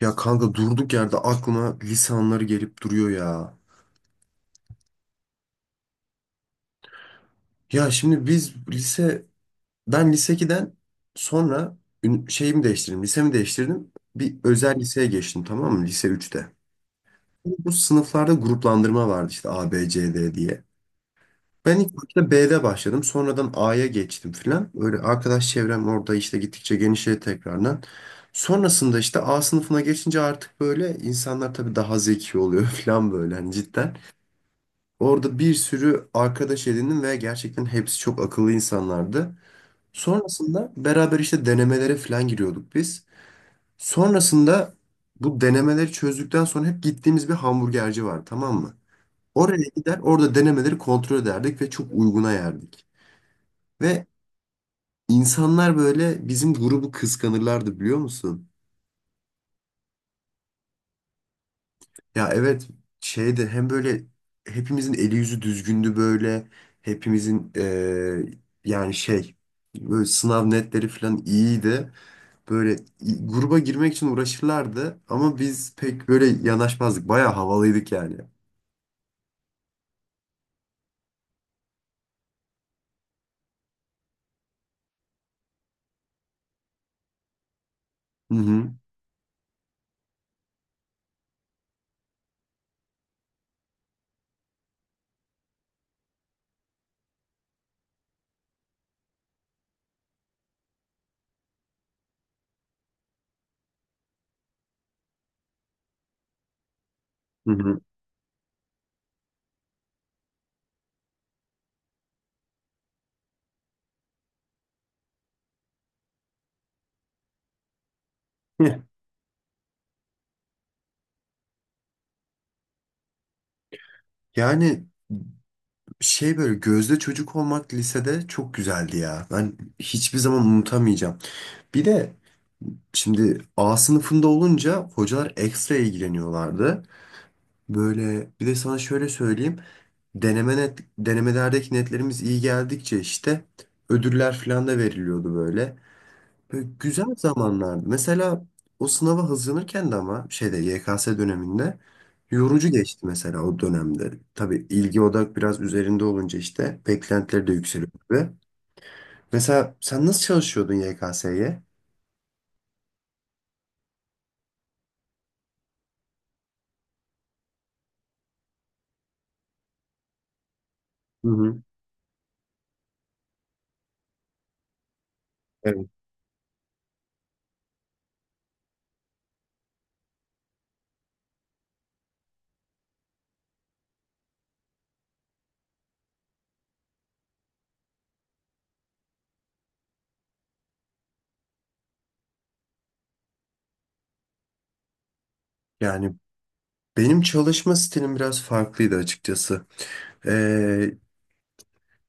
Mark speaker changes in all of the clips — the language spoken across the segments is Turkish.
Speaker 1: Ya kanka durduk yerde aklıma lise anıları gelip duruyor ya. Ya şimdi biz lise, Ben lise 2'den sonra şeyimi değiştirdim, lisemi değiştirdim. Bir özel liseye geçtim, tamam mı? Lise üçte. Bu sınıflarda gruplandırma vardı işte A, B, C, D diye. Ben ilk başta B'de başladım. Sonradan A'ya geçtim filan. Öyle arkadaş çevrem orada işte gittikçe genişledi tekrardan. Sonrasında işte A sınıfına geçince artık böyle insanlar tabii daha zeki oluyor filan, böyle hani cidden. Orada bir sürü arkadaş edindim ve gerçekten hepsi çok akıllı insanlardı. Sonrasında beraber işte denemelere falan giriyorduk biz. Sonrasında bu denemeleri çözdükten sonra hep gittiğimiz bir hamburgerci var, tamam mı? Oraya gider, orada denemeleri kontrol ederdik ve çok uyguna yerdik. Ve insanlar böyle bizim grubu kıskanırlardı, biliyor musun? Ya evet, şeydi, hem böyle hepimizin eli yüzü düzgündü, böyle hepimizin yani şey, böyle sınav netleri falan iyiydi. Böyle gruba girmek için uğraşırlardı ama biz pek böyle yanaşmazdık. Bayağı havalıydık yani. Hı hı. Hı hı. Heh. Yani şey, böyle gözde çocuk olmak lisede çok güzeldi ya. Ben hiçbir zaman unutamayacağım. Bir de şimdi A sınıfında olunca hocalar ekstra ilgileniyorlardı. Böyle bir de sana şöyle söyleyeyim. Denemelerdeki netlerimiz iyi geldikçe işte ödüller falan da veriliyordu böyle. Böyle güzel zamanlardı. Mesela o sınava hazırlanırken de, ama şeyde YKS döneminde yorucu geçti mesela o dönemde. Tabii ilgi odak biraz üzerinde olunca işte beklentileri de yükseliyor tabii. Mesela sen nasıl çalışıyordun YKS'ye? Hı hı. Evet. Yani benim çalışma stilim biraz farklıydı açıkçası. Ee,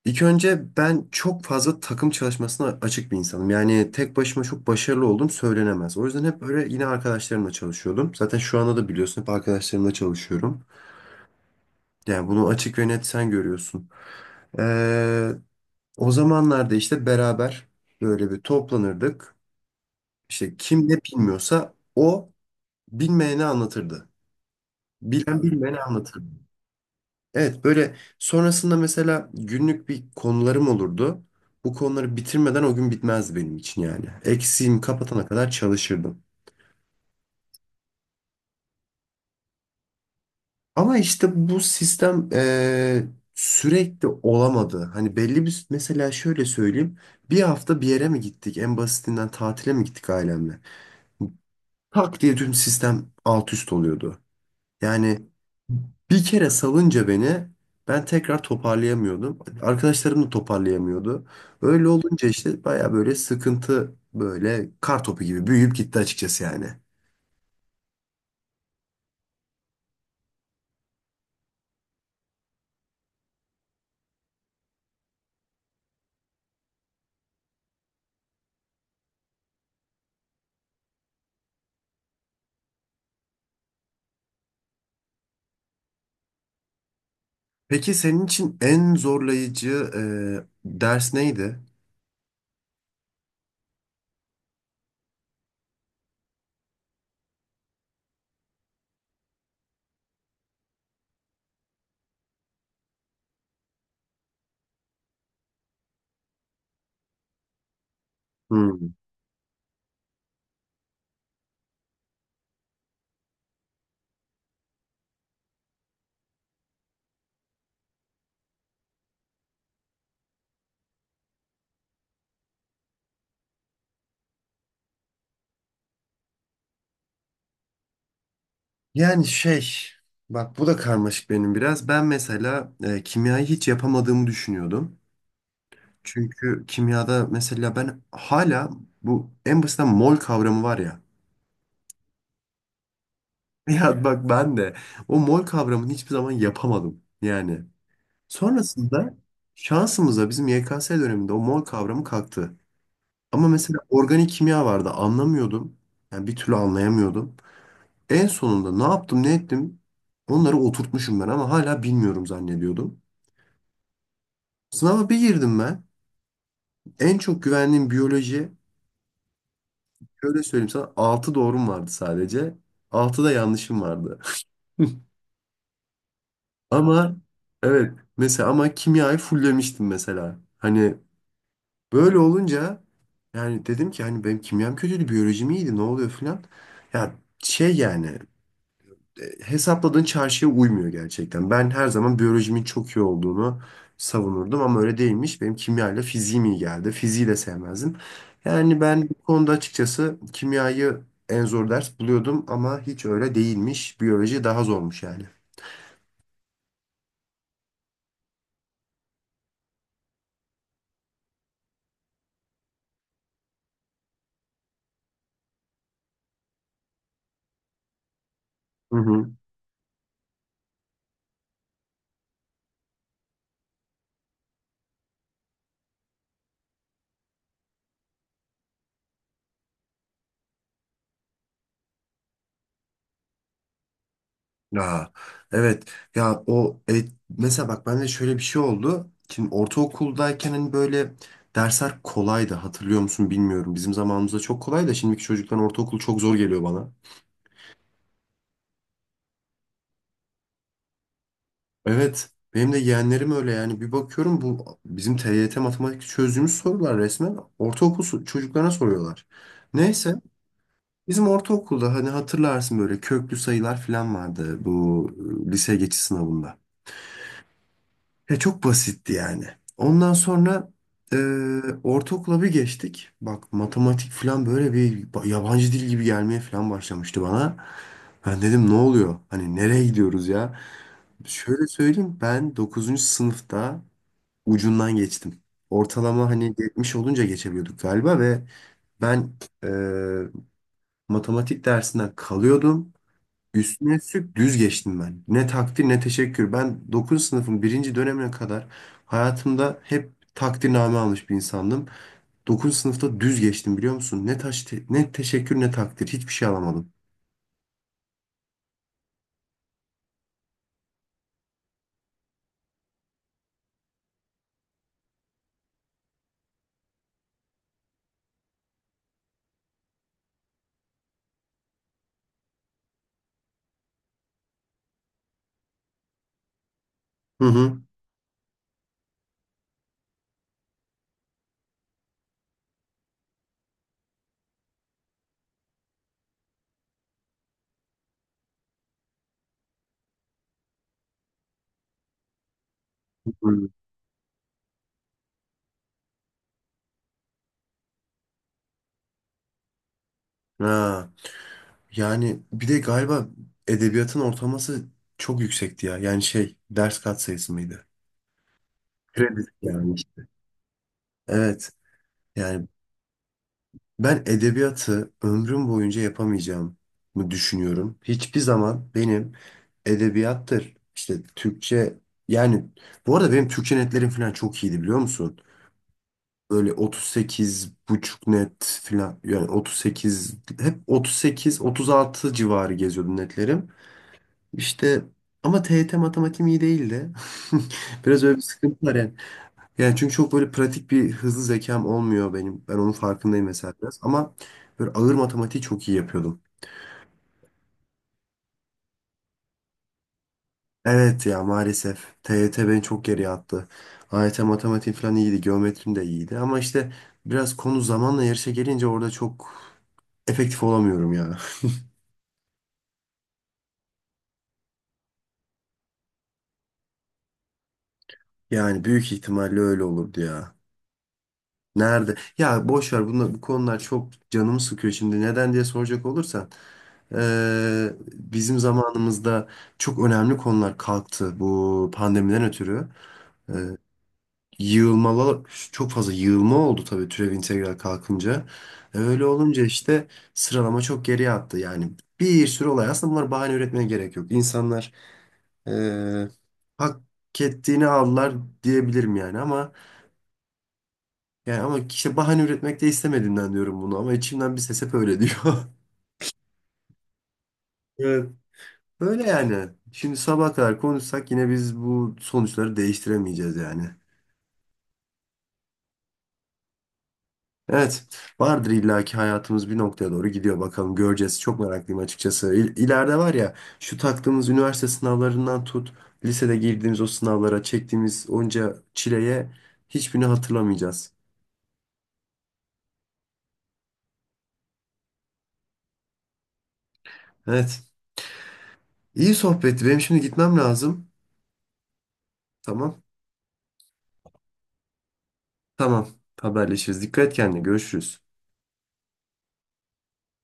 Speaker 1: İlk önce ben çok fazla takım çalışmasına açık bir insanım. Yani tek başıma çok başarılı oldum söylenemez. O yüzden hep böyle yine arkadaşlarımla çalışıyordum. Zaten şu anda da biliyorsun, hep arkadaşlarımla çalışıyorum. Yani bunu açık ve net sen görüyorsun. Ee, o zamanlarda işte beraber böyle bir toplanırdık. İşte kim ne bilmiyorsa o bilmeyene anlatırdı. Bilen bilmeyene anlatırdı. Evet, böyle sonrasında mesela günlük bir konularım olurdu. Bu konuları bitirmeden o gün bitmezdi benim için yani. Eksiğimi kapatana kadar çalışırdım. Ama işte bu sistem sürekli olamadı. Hani belli bir, mesela şöyle söyleyeyim. Bir hafta bir yere mi gittik? En basitinden tatile mi gittik ailemle? Tak diye tüm sistem alt üst oluyordu. Yani bir kere salınca beni, ben tekrar toparlayamıyordum. Arkadaşlarım da toparlayamıyordu. Öyle olunca işte baya böyle sıkıntı, böyle kar topu gibi büyüyüp gitti açıkçası yani. Peki senin için en zorlayıcı ders neydi? Hmm. Yani şey, bak bu da karmaşık benim biraz. Ben mesela kimyayı hiç yapamadığımı düşünüyordum. Çünkü kimyada mesela ben hala bu en basitten mol kavramı var ya. Ya bak, ben de o mol kavramını hiçbir zaman yapamadım yani. Sonrasında şansımıza bizim YKS döneminde o mol kavramı kalktı. Ama mesela organik kimya vardı, anlamıyordum. Yani bir türlü anlayamıyordum. En sonunda ne yaptım ne ettim, onları oturtmuşum ben ama hala bilmiyorum zannediyordum. Sınava bir girdim ben. En çok güvendiğim biyoloji, şöyle söyleyeyim sana, 6 doğrum vardı sadece. Altı da yanlışım vardı. Ama evet, mesela ama kimyayı fullemiştim mesela. Hani böyle olunca yani dedim ki hani, benim kimyam kötüydü, biyolojim iyiydi, ne oluyor filan. Ya şey yani, hesapladığın çarşıya uymuyor gerçekten. Ben her zaman biyolojimin çok iyi olduğunu savunurdum ama öyle değilmiş. Benim kimyayla fiziğim iyi geldi. Fiziği de sevmezdim. Yani ben bu konuda açıkçası kimyayı en zor ders buluyordum ama hiç öyle değilmiş. Biyoloji daha zormuş yani. Ya evet, ya o mesela bak, bende şöyle bir şey oldu. Şimdi ortaokuldayken hani böyle dersler kolaydı, hatırlıyor musun bilmiyorum. Bizim zamanımızda çok kolay da şimdiki çocukların ortaokul çok zor geliyor bana. Evet, benim de yeğenlerim öyle yani, bir bakıyorum bu bizim TYT matematik çözdüğümüz sorular resmen ortaokul çocuklarına soruyorlar. Neyse, bizim ortaokulda hani hatırlarsın böyle köklü sayılar falan vardı bu lise geçiş sınavında. E, çok basitti yani. Ondan sonra e, ortaokula bir geçtik. Bak, matematik falan böyle bir yabancı dil gibi gelmeye falan başlamıştı bana. Ben dedim ne oluyor? Hani nereye gidiyoruz ya? Şöyle söyleyeyim, ben dokuzuncu sınıfta ucundan geçtim. Ortalama hani 70 olunca geçebiliyorduk galiba ve ben e, matematik dersinden kalıyordum. Üstüne üstlük düz geçtim ben. Ne takdir ne teşekkür. Ben 9. sınıfın birinci dönemine kadar hayatımda hep takdirname almış bir insandım. 9. sınıfta düz geçtim, biliyor musun? Ne taş ne teşekkür ne takdir, hiçbir şey alamadım. Hı hı. Hı. Ha. Yani bir de galiba edebiyatın ortalaması çok yüksekti ya. Yani şey, ders katsayısı mıydı? Kredi yani. Evet. Yani ben edebiyatı ömrüm boyunca yapamayacağımı düşünüyorum. Hiçbir zaman benim edebiyattır, işte Türkçe, yani bu arada benim Türkçe netlerim falan çok iyiydi, biliyor musun? Böyle 38 buçuk net falan, yani 38, hep 38 36 civarı geziyordum netlerim. İşte ama TYT matematiğim iyi değildi. Biraz öyle bir sıkıntı var yani. Yani çünkü çok böyle pratik bir hızlı zekam olmuyor benim. Ben onun farkındayım mesela biraz. Ama böyle ağır matematiği çok iyi yapıyordum. Evet ya, maalesef. TYT beni çok geriye attı. AYT matematiğim falan iyiydi. Geometrim de iyiydi. Ama işte biraz konu zamanla yarışa gelince orada çok efektif olamıyorum ya. Yani büyük ihtimalle öyle olurdu ya. Nerede? Ya boş ver bunlar, bu konular çok canımı sıkıyor şimdi. Neden diye soracak olursan. Bizim zamanımızda çok önemli konular kalktı bu pandemiden ötürü. Eee yığılmalar, çok fazla yığılma oldu tabii türev integral kalkınca. Öyle olunca işte sıralama çok geriye attı. Yani bir sürü olay, aslında bunlar bahane üretmeye gerek yok. İnsanlar eee hak ettiğini aldılar diyebilirim yani, ama yani ama işte bahane üretmek de istemediğimden diyorum bunu, ama içimden bir ses hep öyle diyor. Evet. Öyle yani. Şimdi sabaha kadar konuşsak yine biz bu sonuçları değiştiremeyeceğiz yani. Evet, vardır illaki, hayatımız bir noktaya doğru gidiyor, bakalım göreceğiz. Çok meraklıyım açıkçası. İleride var ya, şu taktığımız üniversite sınavlarından tut, lisede girdiğimiz o sınavlara çektiğimiz onca çileye, hiçbirini hatırlamayacağız. Evet, iyi sohbetti. Benim şimdi gitmem lazım. Tamam, tamam. Haberleşiriz. Dikkat et kendine. Görüşürüz.